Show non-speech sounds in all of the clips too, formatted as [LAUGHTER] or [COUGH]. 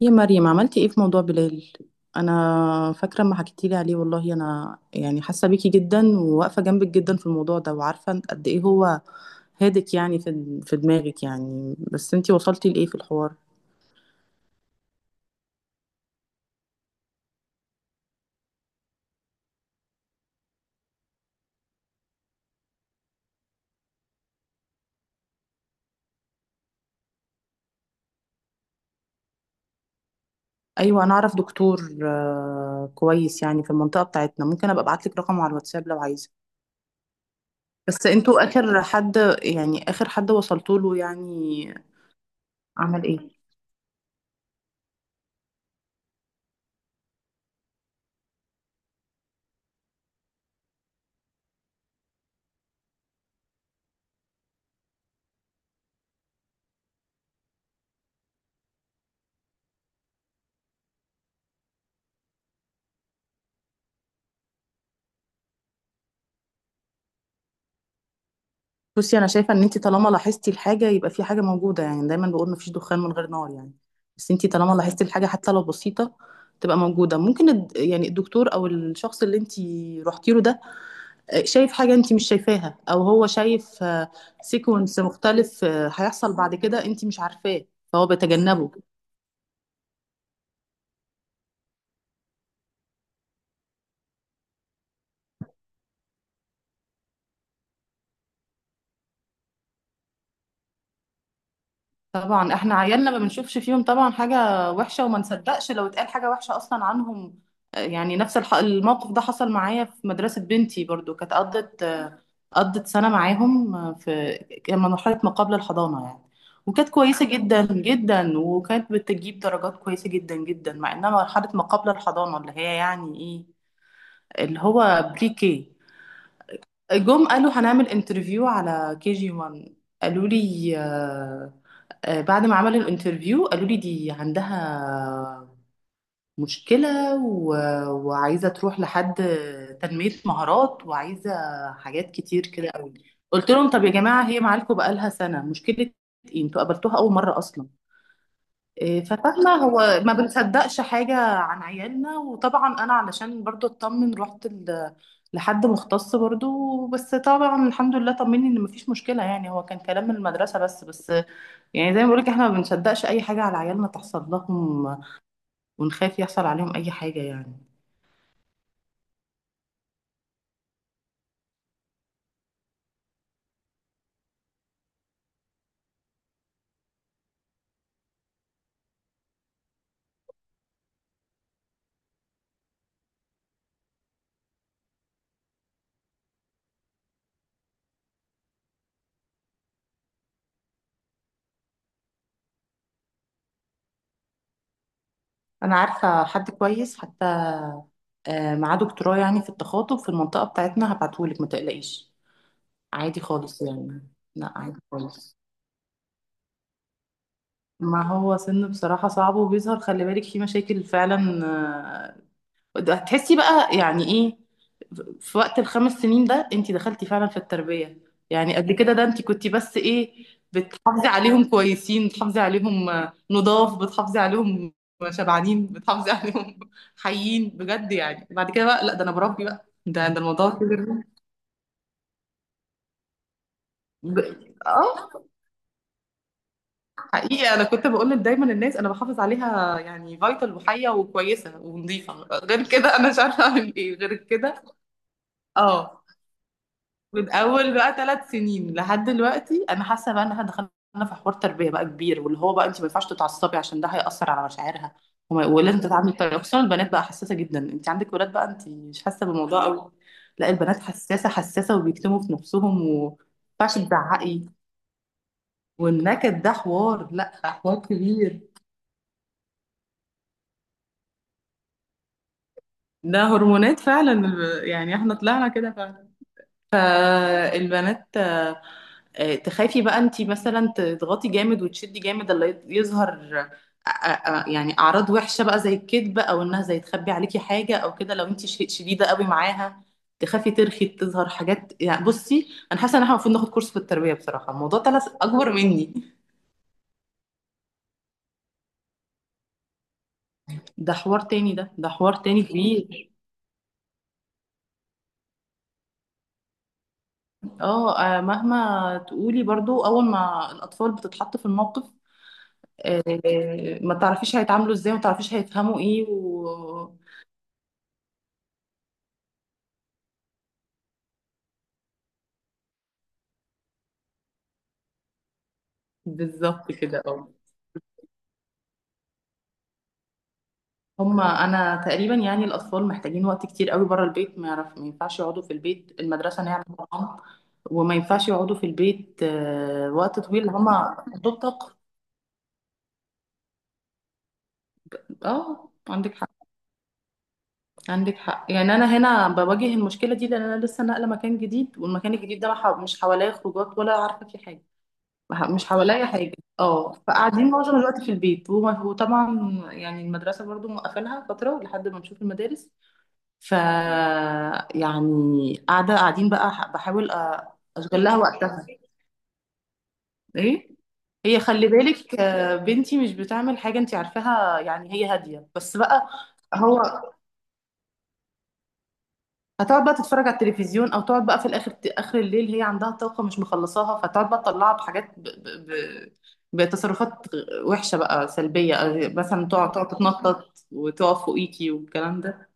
يا مريم عملتي ايه في موضوع بلال؟ انا فاكره ما حكيتي لي عليه، والله انا يعني حاسه بيكي جدا وواقفه جنبك جدا في الموضوع ده وعارفه قد ايه هو هادك، يعني في دماغك يعني، بس انتي وصلتي لايه في الحوار؟ ايوه، انا اعرف دكتور كويس يعني في المنطقه بتاعتنا، ممكن ابقى ابعت لك رقمه على الواتساب لو عايزه. بس انتوا اخر حد؟ يعني اخر حد وصلتوا له يعني؟ عمل ايه؟ بصي، انا شايفه ان انت طالما لاحظتي الحاجه يبقى في حاجه موجوده، يعني دايما بقول مفيش دخان من غير نار يعني. بس انت طالما لاحظتي الحاجه حتى لو بسيطه تبقى موجوده، ممكن يعني الدكتور او الشخص اللي انت رحتي له ده شايف حاجه انت مش شايفاها، او هو شايف سيكونس مختلف هيحصل بعد كده انت مش عارفاه، فهو بيتجنبه. طبعا احنا عيالنا ما بنشوفش فيهم طبعا حاجه وحشه، وما نصدقش لو اتقال حاجه وحشه اصلا عنهم. يعني نفس الموقف ده حصل معايا في مدرسه بنتي برضو، كانت قضت سنة معاهم في كان مرحلة ما قبل الحضانة يعني، وكانت كويسة جدا جدا وكانت بتجيب درجات كويسة جدا جدا مع انها مرحلة ما قبل الحضانة اللي هي يعني ايه، اللي هو بري كي. جم قالوا هنعمل انترفيو على كي جي 1، قالوا لي بعد ما عملوا الانترفيو قالوا لي دي عندها مشكلة وعايزة تروح لحد تنمية مهارات، وعايزة حاجات كتير كده قوي. قلت لهم طب يا جماعة هي معاكم بقالها سنة، مشكلة ايه انتوا قابلتوها أول مرة أصلا؟ ففاهمة هو ما بنصدقش حاجة عن عيالنا، وطبعا أنا علشان برضو أطمن رحت لحد مختص برضو، بس طبعا الحمد لله طمني ان مفيش مشكلة، يعني هو كان كلام من المدرسة بس. بس يعني زي ما بقولك احنا ما بنصدقش اي حاجة على عيالنا تحصل لهم، ونخاف يحصل عليهم اي حاجة يعني. انا عارفه حد كويس حتى معاه دكتوراه يعني في التخاطب في المنطقه بتاعتنا، هبعتهولك ما تقلقيش. عادي خالص يعني. لا عادي خالص، ما هو سن بصراحه صعب وبيظهر خلي بالك في مشاكل فعلا ده هتحسي بقى يعني ايه في وقت الخمس سنين ده، انت دخلتي فعلا في التربية، يعني قبل كده ده انت كنتي بس ايه؟ بتحافظي عليهم كويسين، بتحافظي عليهم نضاف، بتحافظي عليهم شبعانين، بتحافظي عليهم [LAUGHS] حيين بجد، يعني بعد كده بقى لا ده انا بربي بقى ده الموضوع كبير. ب... اه حقيقة انا كنت بقول دايما للناس انا بحافظ عليها يعني فايتال، وحية وكويسة ونظيفة، غير كده انا مش عارفة اعمل ايه غير كده. اه، من اول بقى ثلاث سنين لحد دلوقتي انا حاسه بقى ان احنا دخلنا في حوار تربيه بقى كبير، واللي هو بقى انت ما ينفعش تتعصبي عشان ده هيأثر على مشاعرها، ولازم تتعاملي بطريقه، خصوصا البنات بقى حساسه جدا، انت عندك ولاد بقى انت مش حاسه بالموضوع قوي. لا البنات حساسه حساسه، وبيكتموا في نفسهم، وما ينفعش تزعقي. والنكد ده حوار، لا حوار كبير. ده هرمونات فعلا، يعني احنا طلعنا كده. فالبنات تخافي بقى انتي مثلا تضغطي جامد وتشدي جامد، اللي يظهر آه، آه، يعني اعراض وحشه بقى زي الكذب، او انها زي تخبي عليكي حاجه او كده لو انتي شديده قوي معاها. تخافي ترخي تظهر حاجات، يعني بصي انا حاسه ان احنا المفروض ناخد كورس في التربيه بصراحه، الموضوع طلع اكبر مني. ده حوار تاني، ده حوار تاني كبير. اه مهما تقولي برضو اول ما الاطفال بتتحط في الموقف ما تعرفيش هيتعاملوا ازاي، وما تعرفيش هيفهموا ايه بالظبط كده اه. هما انا تقريبا يعني الاطفال محتاجين وقت كتير قوي بره البيت، ما يعرف ما ينفعش يقعدوا في البيت، المدرسه نعمه طبعا، وما ينفعش يقعدوا في البيت وقت طويل، هما عندهم طاقه. اه عندك حق، عندك حق، يعني انا هنا بواجه المشكله دي لان انا لسه ناقله مكان جديد، والمكان الجديد ده ما ح- مش حواليا خروجات، ولا عارفه فيه حاجه، مش حواليا حاجة. اه فقاعدين معظم الوقت في البيت وطبعا يعني المدرسة برضو موقفينها فترة لحد ما نشوف المدارس، ف يعني قاعدة قاعدين بقى بحاول أشغل لها وقتها. ايه، هي خلي بالك بنتي مش بتعمل حاجة انت عارفاها يعني، هي هادية، بس بقى هو هتقعد بقى تتفرج على التلفزيون، او تقعد بقى في الاخر اخر الليل، هي عندها طاقه مش مخلصاها، فتقعد بقى تطلعها بحاجات بتصرفات وحشه بقى سلبيه، أو مثلا تقعد تتنطط وتقف فوقيكي والكلام ده.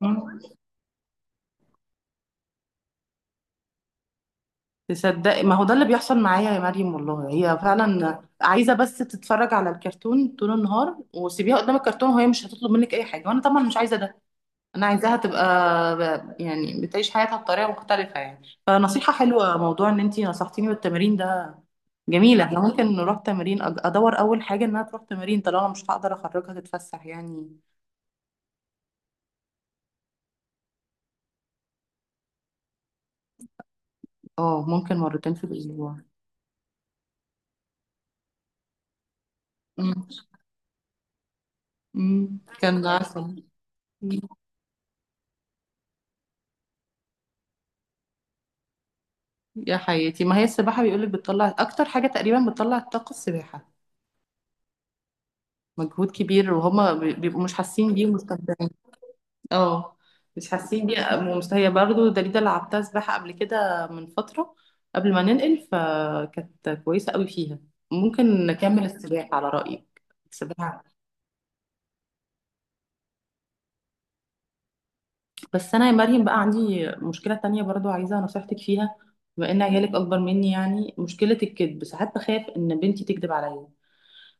مم. تصدقي ما هو ده اللي بيحصل معايا يا مريم والله، هي فعلا عايزه بس تتفرج على الكرتون طول النهار، وسيبيها قدام الكرتون وهي مش هتطلب منك اي حاجه، وانا طبعا مش عايزه ده، انا عايزاها تبقى يعني بتعيش حياتها بطريقه مختلفه يعني. فنصيحه حلوه موضوع ان انتي نصحتيني بالتمرين ده، جميله احنا ممكن نروح تمرين ادور اول حاجه انها تروح تمرين طالما مش هقدر اخرجها تتفسح يعني. اه، ممكن مرتين في الاسبوع. أمم، أمم، كان عسل. أمم، يا حياتي ما هي السباحه بيقولك بتطلع اكتر حاجه تقريبا، بتطلع الطاقه السباحه، مجهود كبير وهما بيبقوا مش حاسين بيه ومستمتعين. اه مش حاسين، هي برضه دليلة لعبتها سباحة قبل كده من فترة، قبل ما ننقل، فكانت كويسة قوي فيها، ممكن نكمل السباحة على رأيك. السباحة، بس أنا يا مريم بقى عندي مشكلة تانية برضه عايزة نصيحتك فيها. بما إن عيالك أكبر مني يعني مشكلة الكذب، ساعات بخاف إن بنتي تكذب عليا،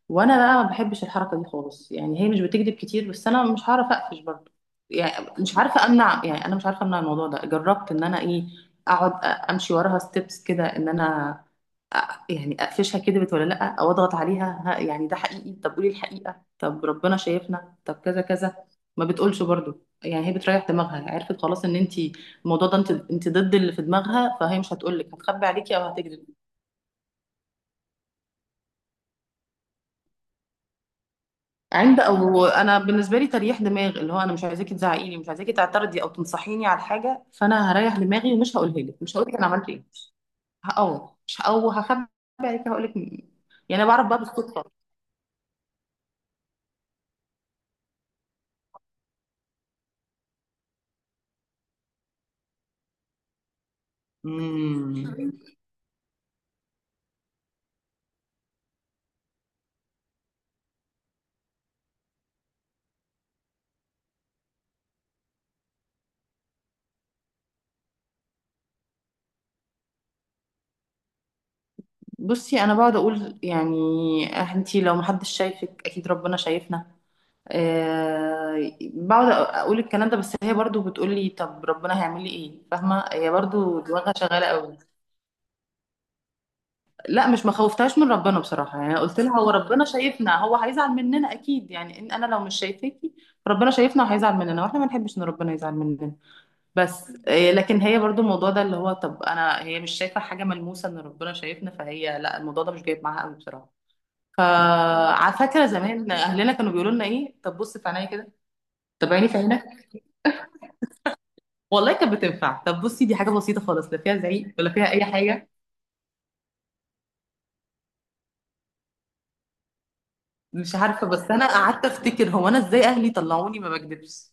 وانا بقى ما بحبش الحركه دي خالص، يعني هي مش بتكذب كتير بس انا مش هعرف اقفش برضه يعني. مش عارفه امنع، يعني انا مش عارفه امنع الموضوع ده، جربت ان انا ايه اقعد امشي وراها ستيبس كده ان انا أ- يعني اقفشها كدبت ولا لا، او اضغط عليها ها يعني ده حقيقي طب قولي الحقيقه طب ربنا شايفنا طب كذا كذا، ما بتقولش برضه، يعني هي بتريح دماغها، عرفت خلاص ان انت الموضوع ده انت ضد اللي في دماغها، فهي مش هتقولك، هتخبي عليكي او هتكذب. عند او انا بالنسبه لي تريح دماغ، اللي هو انا مش عايزاكي تزعقيني، مش عايزاكي تعترضي او تنصحيني على حاجه، فانا هريح دماغي ومش هقولها لك، مش هقول لك انا عملت ايه، هقوم مش، او هخبي عليك هقول لك، يعني انا بعرف بقى بالصدفه. امم. بصي انا بقعد اقول يعني انتي لو محدش شايفك اكيد ربنا شايفنا، أه بقعد اقول الكلام ده، بس هي برضو بتقول لي طب ربنا هيعمل لي ايه، فاهمه هي برضو دماغها شغاله قوي. لا مش ما خوفتهاش من ربنا بصراحة، يعني قلت لها هو ربنا شايفنا، هو هيزعل مننا أكيد، يعني إن أنا لو مش شايفاكي، ربنا شايفنا وهيزعل مننا، واحنا ما نحبش إن ربنا يزعل مننا. بس لكن هي برضو الموضوع ده اللي هو طب أنا، هي مش شايفة حاجة ملموسة إن ربنا شايفنا، فهي لا الموضوع ده مش جايب معاها قوي بصراحة. فعلى فكرة زمان أهلنا كانوا بيقولوا لنا إيه، طب بص في عينيا كده، طب عيني في عينك، والله كانت بتنفع، طب بصي دي حاجة بسيطة خالص، لا فيها زعيق ولا فيها أي حاجة. مش عارفة، بس أنا قعدت أفتكر هو أنا إزاي أهلي طلعوني ما بكدبش،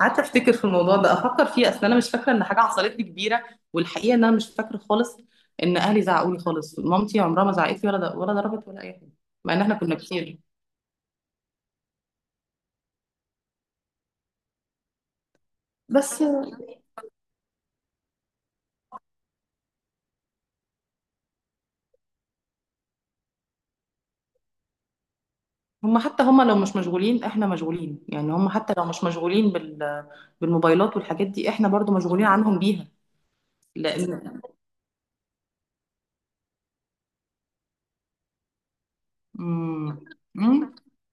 قعدت افتكر في الموضوع ده افكر فيه، اصل انا مش فاكره ان حاجه حصلت لي كبيره، والحقيقه ان انا مش فاكره خالص ان اهلي زعقوا لي خالص، مامتي عمرها ما زعقت لي ولا ولا ضربت ولا اي حاجه، مع ان احنا كنا كتير. بس هم حتى لو مش مشغولين احنا مشغولين، يعني هم حتى لو مش مشغولين بالموبايلات والحاجات دي احنا برضو مشغولين عنهم بيها. لان امم، امم،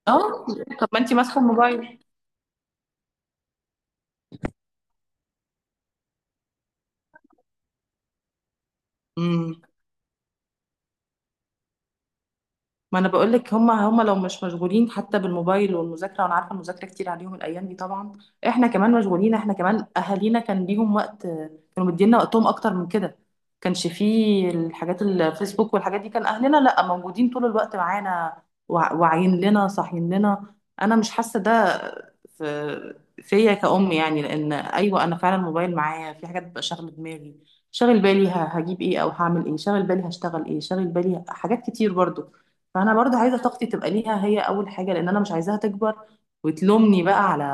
اه، طب ما انت ماسكه الموبايل. ما انا بقول لك هما لو مش مشغولين حتى بالموبايل والمذاكره، وانا عارفه المذاكره كتير عليهم الايام دي طبعا، احنا كمان مشغولين، احنا كمان اهالينا كان ليهم وقت، كانوا مدينا وقتهم اكتر من كده، كانش فيه الحاجات الفيسبوك والحاجات دي، كان اهلنا لا موجودين طول الوقت معانا، واعيين لنا صاحيين لنا، انا مش حاسه ده في فيا كأم، يعني لان ايوه انا فعلا الموبايل معايا، في حاجات بتبقى شاغله دماغي، شاغل بالي هجيب ايه او هعمل ايه، شاغل بالي هشتغل ايه، شاغل بالي حاجات كتير برضو، فانا برضو عايزه طاقتي تبقى ليها هي اول حاجه، لان انا مش عايزاها تكبر وتلومني بقى على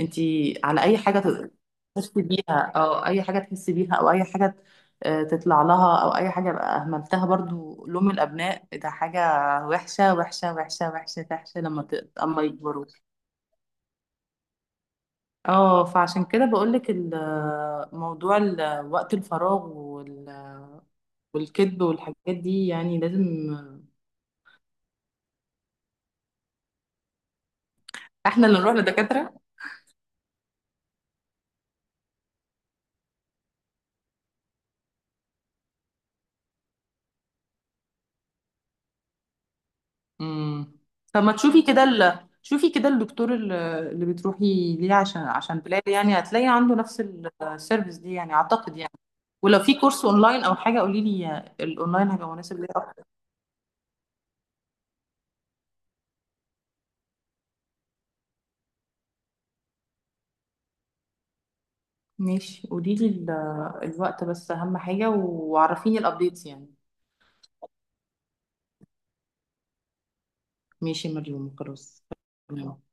انتي على اي حاجه ت- تحس بيها، او اي حاجه تحس بيها او اي حاجه تطلع لها، او اي حاجه بقى اهملتها، برضو لوم الابناء ده حاجه وحشه وحشه وحشه وحشه وحشه، لما اما يكبروا. اه فعشان كده بقولك موضوع وقت الفراغ والكذب والحاجات دي يعني لازم احنا اللي نروح لدكاتره. امم، طب ما تشوفي كده شوفي كده الدكتور اللي بتروحي ليه عشان بلال، يعني هتلاقي عنده نفس السيرفيس دي يعني اعتقد يعني. ولو في كورس اونلاين او حاجه قولي لي، الاونلاين هيبقى مناسب ليا اكتر. ماشي قولي لي الوقت بس اهم حاجه، وعرفيني الابديتس يعني. ماشي يا مريم خلاص. تمام.